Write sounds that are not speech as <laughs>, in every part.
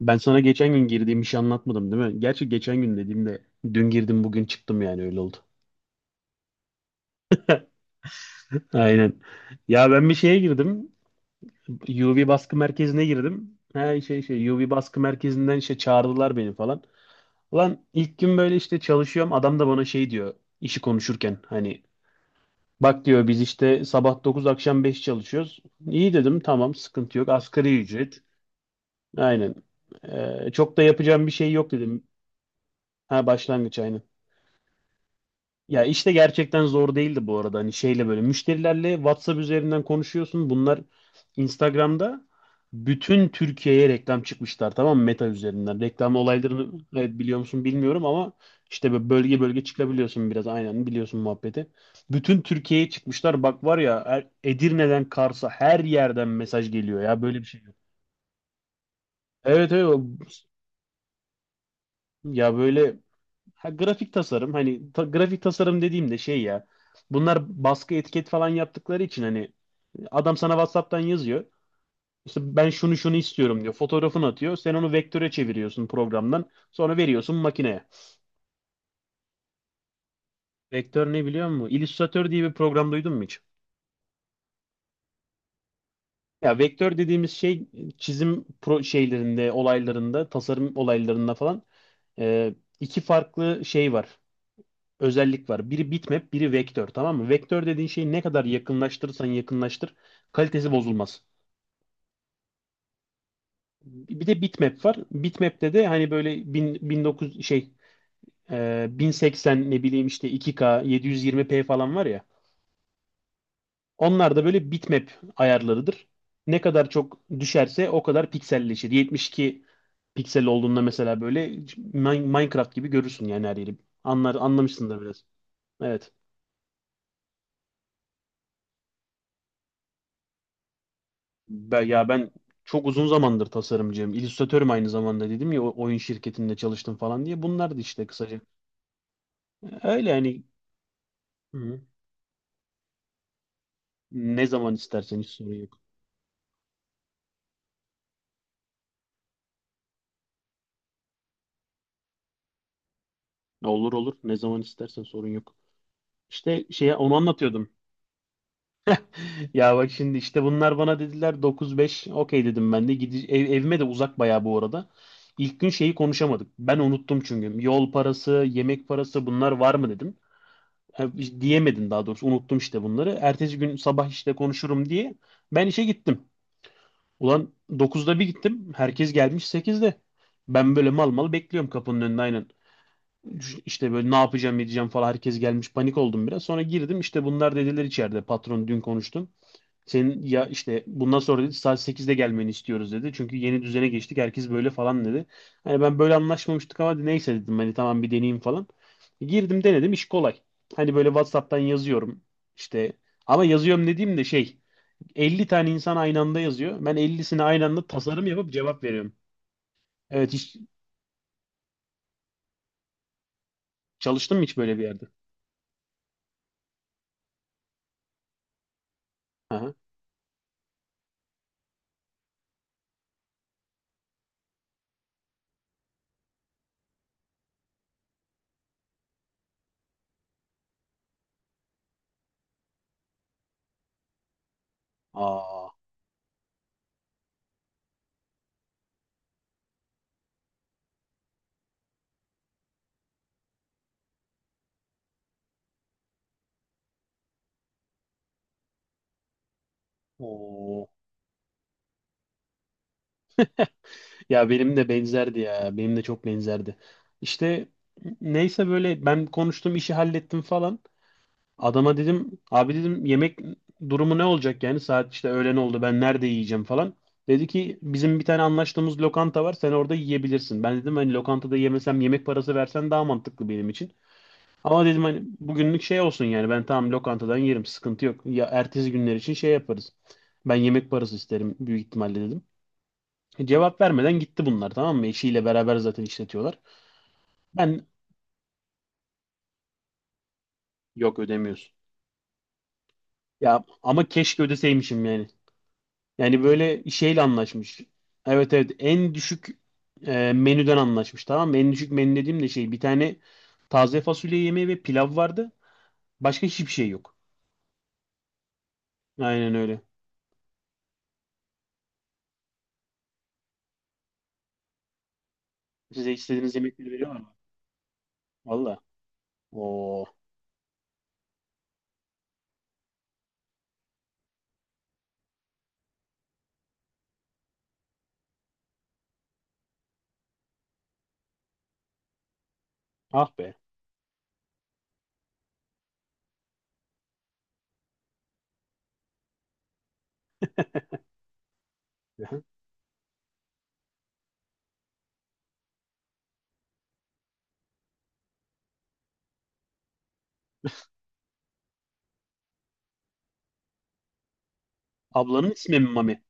Ben sana geçen gün girdiğim işi anlatmadım, değil mi? Gerçi geçen gün dediğimde dün girdim, bugün çıktım, yani öyle oldu. Aynen. Ya ben bir şeye girdim. UV baskı merkezine girdim. Her şey UV baskı merkezinden işte çağırdılar beni falan. Ulan ilk gün böyle işte çalışıyorum. Adam da bana şey diyor işi konuşurken, hani bak diyor biz işte sabah 9 akşam 5 çalışıyoruz. İyi dedim, tamam sıkıntı yok, asgari ücret. Aynen. Çok da yapacağım bir şey yok dedim. Ha, başlangıç aynen. Ya işte gerçekten zor değildi bu arada. Hani şeyle böyle müşterilerle WhatsApp üzerinden konuşuyorsun. Bunlar Instagram'da bütün Türkiye'ye reklam çıkmışlar, tamam mı? Meta üzerinden. Reklam olaylarını, evet, biliyor musun bilmiyorum ama işte böyle bölge bölge çıkabiliyorsun biraz, aynen, biliyorsun muhabbeti. Bütün Türkiye'ye çıkmışlar. Bak var ya, Edirne'den Kars'a her yerden mesaj geliyor, ya böyle bir şey yok. Evet evet, ya böyle. Ha, grafik tasarım hani grafik tasarım dediğimde şey, ya bunlar baskı etiket falan yaptıkları için hani adam sana WhatsApp'tan yazıyor. İşte ben şunu şunu istiyorum diyor. Fotoğrafını atıyor. Sen onu vektöre çeviriyorsun programdan. Sonra veriyorsun makineye. Vektör ne, biliyor musun? Illustrator diye bir program duydun mu hiç? Ya vektör dediğimiz şey çizim pro şeylerinde, olaylarında, tasarım olaylarında falan, e, iki farklı şey var. Özellik var. Biri bitmap, biri vektör, tamam mı? Vektör dediğin şeyi ne kadar yakınlaştırırsan yakınlaştır kalitesi bozulmaz. Bir de bitmap var. Bitmap'te de hani böyle 1000, 1900 şey, 1080, ne bileyim işte 2K 720p falan var ya. Onlar da böyle bitmap ayarlarıdır. Ne kadar çok düşerse o kadar pikselleşir. 72 piksel olduğunda mesela böyle Minecraft gibi görürsün yani her yeri. Anlamışsın da biraz. Evet. Ben çok uzun zamandır tasarımcıyım. İllüstratörüm aynı zamanda, dedim ya oyun şirketinde çalıştım falan diye. Bunlar da işte kısaca. Öyle hani, hı. Ne zaman istersen hiç sorun yok. Olur olur. Ne zaman istersen sorun yok. İşte şeye onu anlatıyordum. <laughs> Ya bak şimdi işte bunlar bana dediler 9-5, okey dedim ben de. Evime de uzak bayağı bu arada. İlk gün şeyi konuşamadık. Ben unuttum çünkü. Yol parası, yemek parası, bunlar var mı dedim. Ha, hiç diyemedim, daha doğrusu unuttum işte bunları. Ertesi gün sabah işte konuşurum diye ben işe gittim. Ulan 9'da bir gittim. Herkes gelmiş 8'de. Ben böyle mal mal bekliyorum kapının önünde, aynen. İşte böyle ne yapacağım edeceğim falan, herkes gelmiş panik oldum biraz. Sonra girdim, işte bunlar dediler içeride patron dün konuştum. Senin ya işte bundan sonra, dedi, saat 8'de gelmeni istiyoruz dedi. Çünkü yeni düzene geçtik, herkes böyle falan dedi. Hani ben böyle anlaşmamıştık ama neyse dedim hani tamam, bir deneyeyim falan. Girdim denedim, iş kolay. Hani böyle WhatsApp'tan yazıyorum işte, ama yazıyorum dediğim de şey, 50 tane insan aynı anda yazıyor. Ben 50'sine aynı anda tasarım yapıp cevap veriyorum. Evet, hiç çalıştın mı hiç böyle bir yerde? Aha. Aa. Oo. Ya benim de benzerdi ya. Benim de çok benzerdi. İşte neyse böyle ben konuştum, işi hallettim falan. Adama dedim abi, dedim yemek durumu ne olacak yani, saat işte öğlen oldu, ben nerede yiyeceğim falan. Dedi ki bizim bir tane anlaştığımız lokanta var, sen orada yiyebilirsin. Ben dedim hani lokantada yemesem yemek parası versen daha mantıklı benim için. Ama dedim hani bugünlük şey olsun yani, ben tamam lokantadan yerim, sıkıntı yok. Ya ertesi günler için şey yaparız. Ben yemek parası isterim büyük ihtimalle dedim. Cevap vermeden gitti bunlar, tamam mı? Eşiyle beraber zaten işletiyorlar. Ben, yok ödemiyorsun. Ya ama keşke ödeseymişim yani. Yani böyle şeyle anlaşmış. Evet evet, en düşük, menüden anlaşmış, tamam mı? En düşük menü dediğim de şey, bir tane taze fasulye yemeği ve pilav vardı. Başka hiçbir şey yok. Aynen öyle. Size istediğiniz yemekleri veriyorlar mı? Valla. Oo. Ah be. <laughs> Aha. Ablanın ismi mi Mami?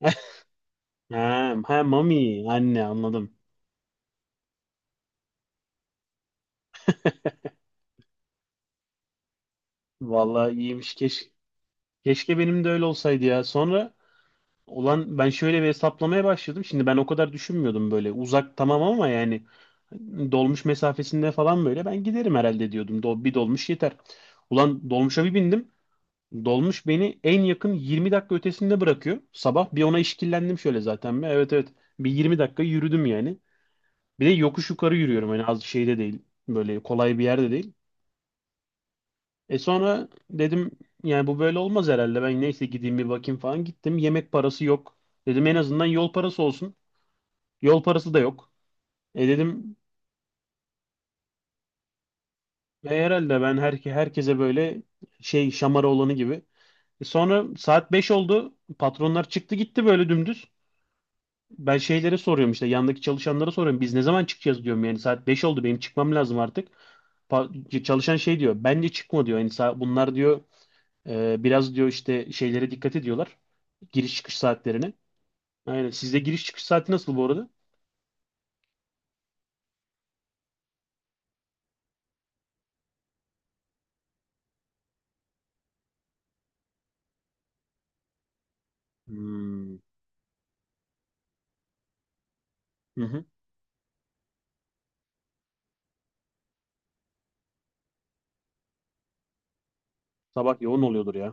<laughs> Ha, ha Mami. Anne, anladım. Vallahi iyiymiş. Keşke benim de öyle olsaydı ya. Sonra olan ben şöyle bir hesaplamaya başladım. Şimdi ben o kadar düşünmüyordum böyle. Uzak tamam ama yani dolmuş mesafesinde falan böyle ben giderim herhalde diyordum. Bir dolmuş yeter. Ulan dolmuşa bir bindim. Dolmuş beni en yakın 20 dakika ötesinde bırakıyor. Sabah bir ona işkillendim şöyle zaten. Bir. Evet evet. Bir 20 dakika yürüdüm yani. Bir de yokuş yukarı yürüyorum. Hani az şeyde değil. Böyle kolay bir yerde değil. Sonra dedim yani bu böyle olmaz herhalde. Ben neyse gideyim bir bakayım falan, gittim. Yemek parası yok. Dedim en azından yol parası olsun. Yol parası da yok. Dedim herhalde ben herkese böyle şey, şamara olanı gibi. Sonra saat 5 oldu. Patronlar çıktı gitti böyle dümdüz. Ben şeylere soruyorum işte, yandaki çalışanlara soruyorum. Biz ne zaman çıkacağız diyorum, yani saat 5 oldu, benim çıkmam lazım artık. Çalışan şey diyor. Bence çıkma diyor. Yani bunlar diyor. Biraz diyor işte şeylere dikkat ediyorlar. Giriş çıkış saatlerine. Aynen. Sizde giriş çıkış saati nasıl bu arada? Hmm. Hı hı. Sabah yoğun oluyordur ya.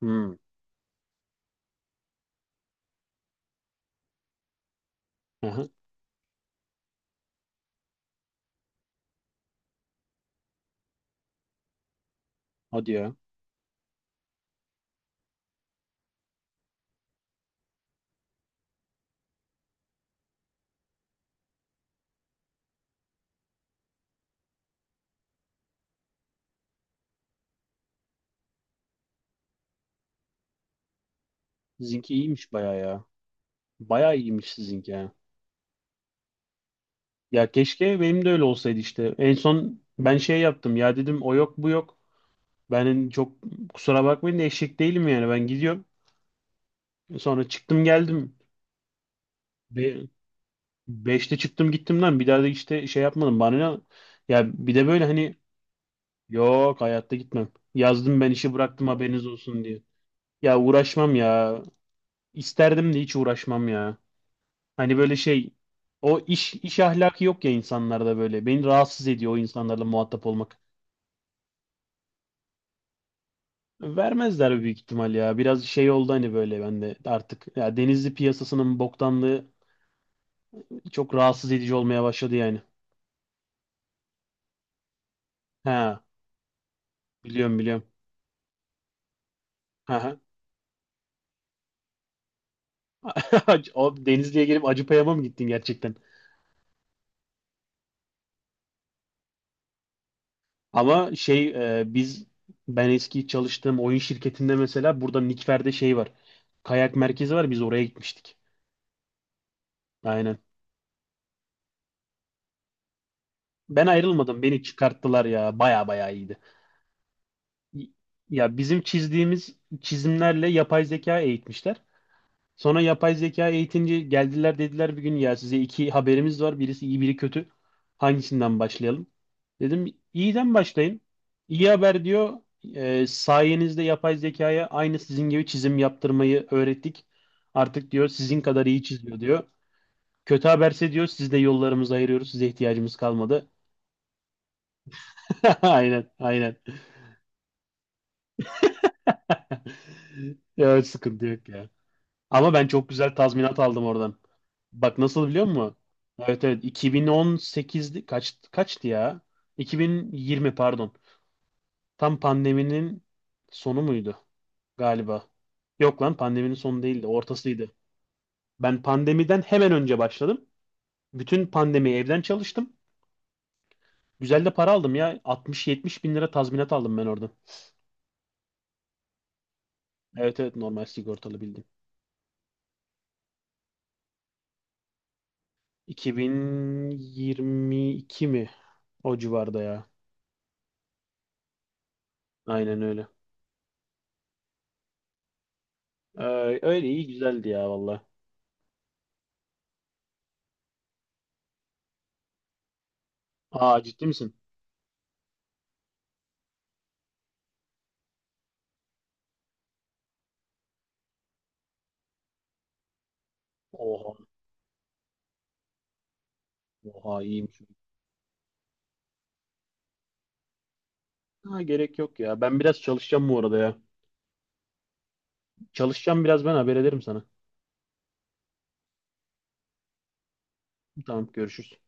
Hmm. Hı. Hadi ya. Sizinki iyiymiş bayağı ya. Bayağı iyiymiş sizinki ya. Ya keşke benim de öyle olsaydı işte. En son ben şey yaptım ya, dedim o yok bu yok. Ben çok, kusura bakmayın da eşek değilim yani, ben gidiyorum. Sonra çıktım geldim. Be beşte çıktım gittim lan, bir daha da işte şey yapmadım. Bana ne? Ya bir de böyle hani. Yok, hayatta gitmem. Yazdım ben, işi bıraktım haberiniz olsun diye. Ya uğraşmam ya. İsterdim de hiç uğraşmam ya. Hani böyle şey, o iş ahlakı yok ya insanlarda böyle. Beni rahatsız ediyor o insanlarla muhatap olmak. Vermezler büyük ihtimal ya. Biraz şey oldu hani böyle ben de artık. Ya Denizli piyasasının boktanlığı çok rahatsız edici olmaya başladı yani. Ha, biliyorum biliyorum. Ha <laughs> ha. O Denizli'ye gelip Acıpayam'a mı gittin gerçekten? Ama şey, e, biz ben eski çalıştığım oyun şirketinde mesela burada Nikfer'de şey var. Kayak merkezi var, biz oraya gitmiştik. Aynen. Ben ayrılmadım, beni çıkarttılar, ya baya baya iyiydi. Y- Ya bizim çizdiğimiz çizimlerle yapay zeka eğitmişler. Sonra yapay zeka eğitince geldiler dediler bir gün, ya size iki haberimiz var. Birisi iyi, biri kötü. Hangisinden başlayalım? Dedim iyiden başlayın. İyi haber diyor, sayenizde yapay zekaya aynı sizin gibi çizim yaptırmayı öğrettik. Artık diyor sizin kadar iyi çiziyor diyor. Kötü haberse diyor siz de yollarımızı ayırıyoruz. Size ihtiyacımız kalmadı. <laughs> Aynen aynen. <laughs> Ya sıkıntı yok ya. Ama ben çok güzel tazminat aldım oradan. Bak nasıl, biliyor musun? Evet evet, 2018'di, kaç kaçtı ya? 2020, pardon. Tam pandeminin sonu muydu galiba? Yok lan, pandeminin sonu değildi, ortasıydı. Ben pandemiden hemen önce başladım. Bütün pandemi evden çalıştım. Güzel de para aldım ya. 60-70 bin lira tazminat aldım ben oradan. Evet evet, normal sigortalı bildim. 2022 mi? O civarda ya. Aynen öyle. Öyle iyi güzeldi ya valla. Aa, ciddi misin? Oha, oha iyiymiş. Ha, gerek yok ya. Ben biraz çalışacağım bu arada ya. Çalışacağım biraz, ben haber ederim sana. Tamam, görüşürüz.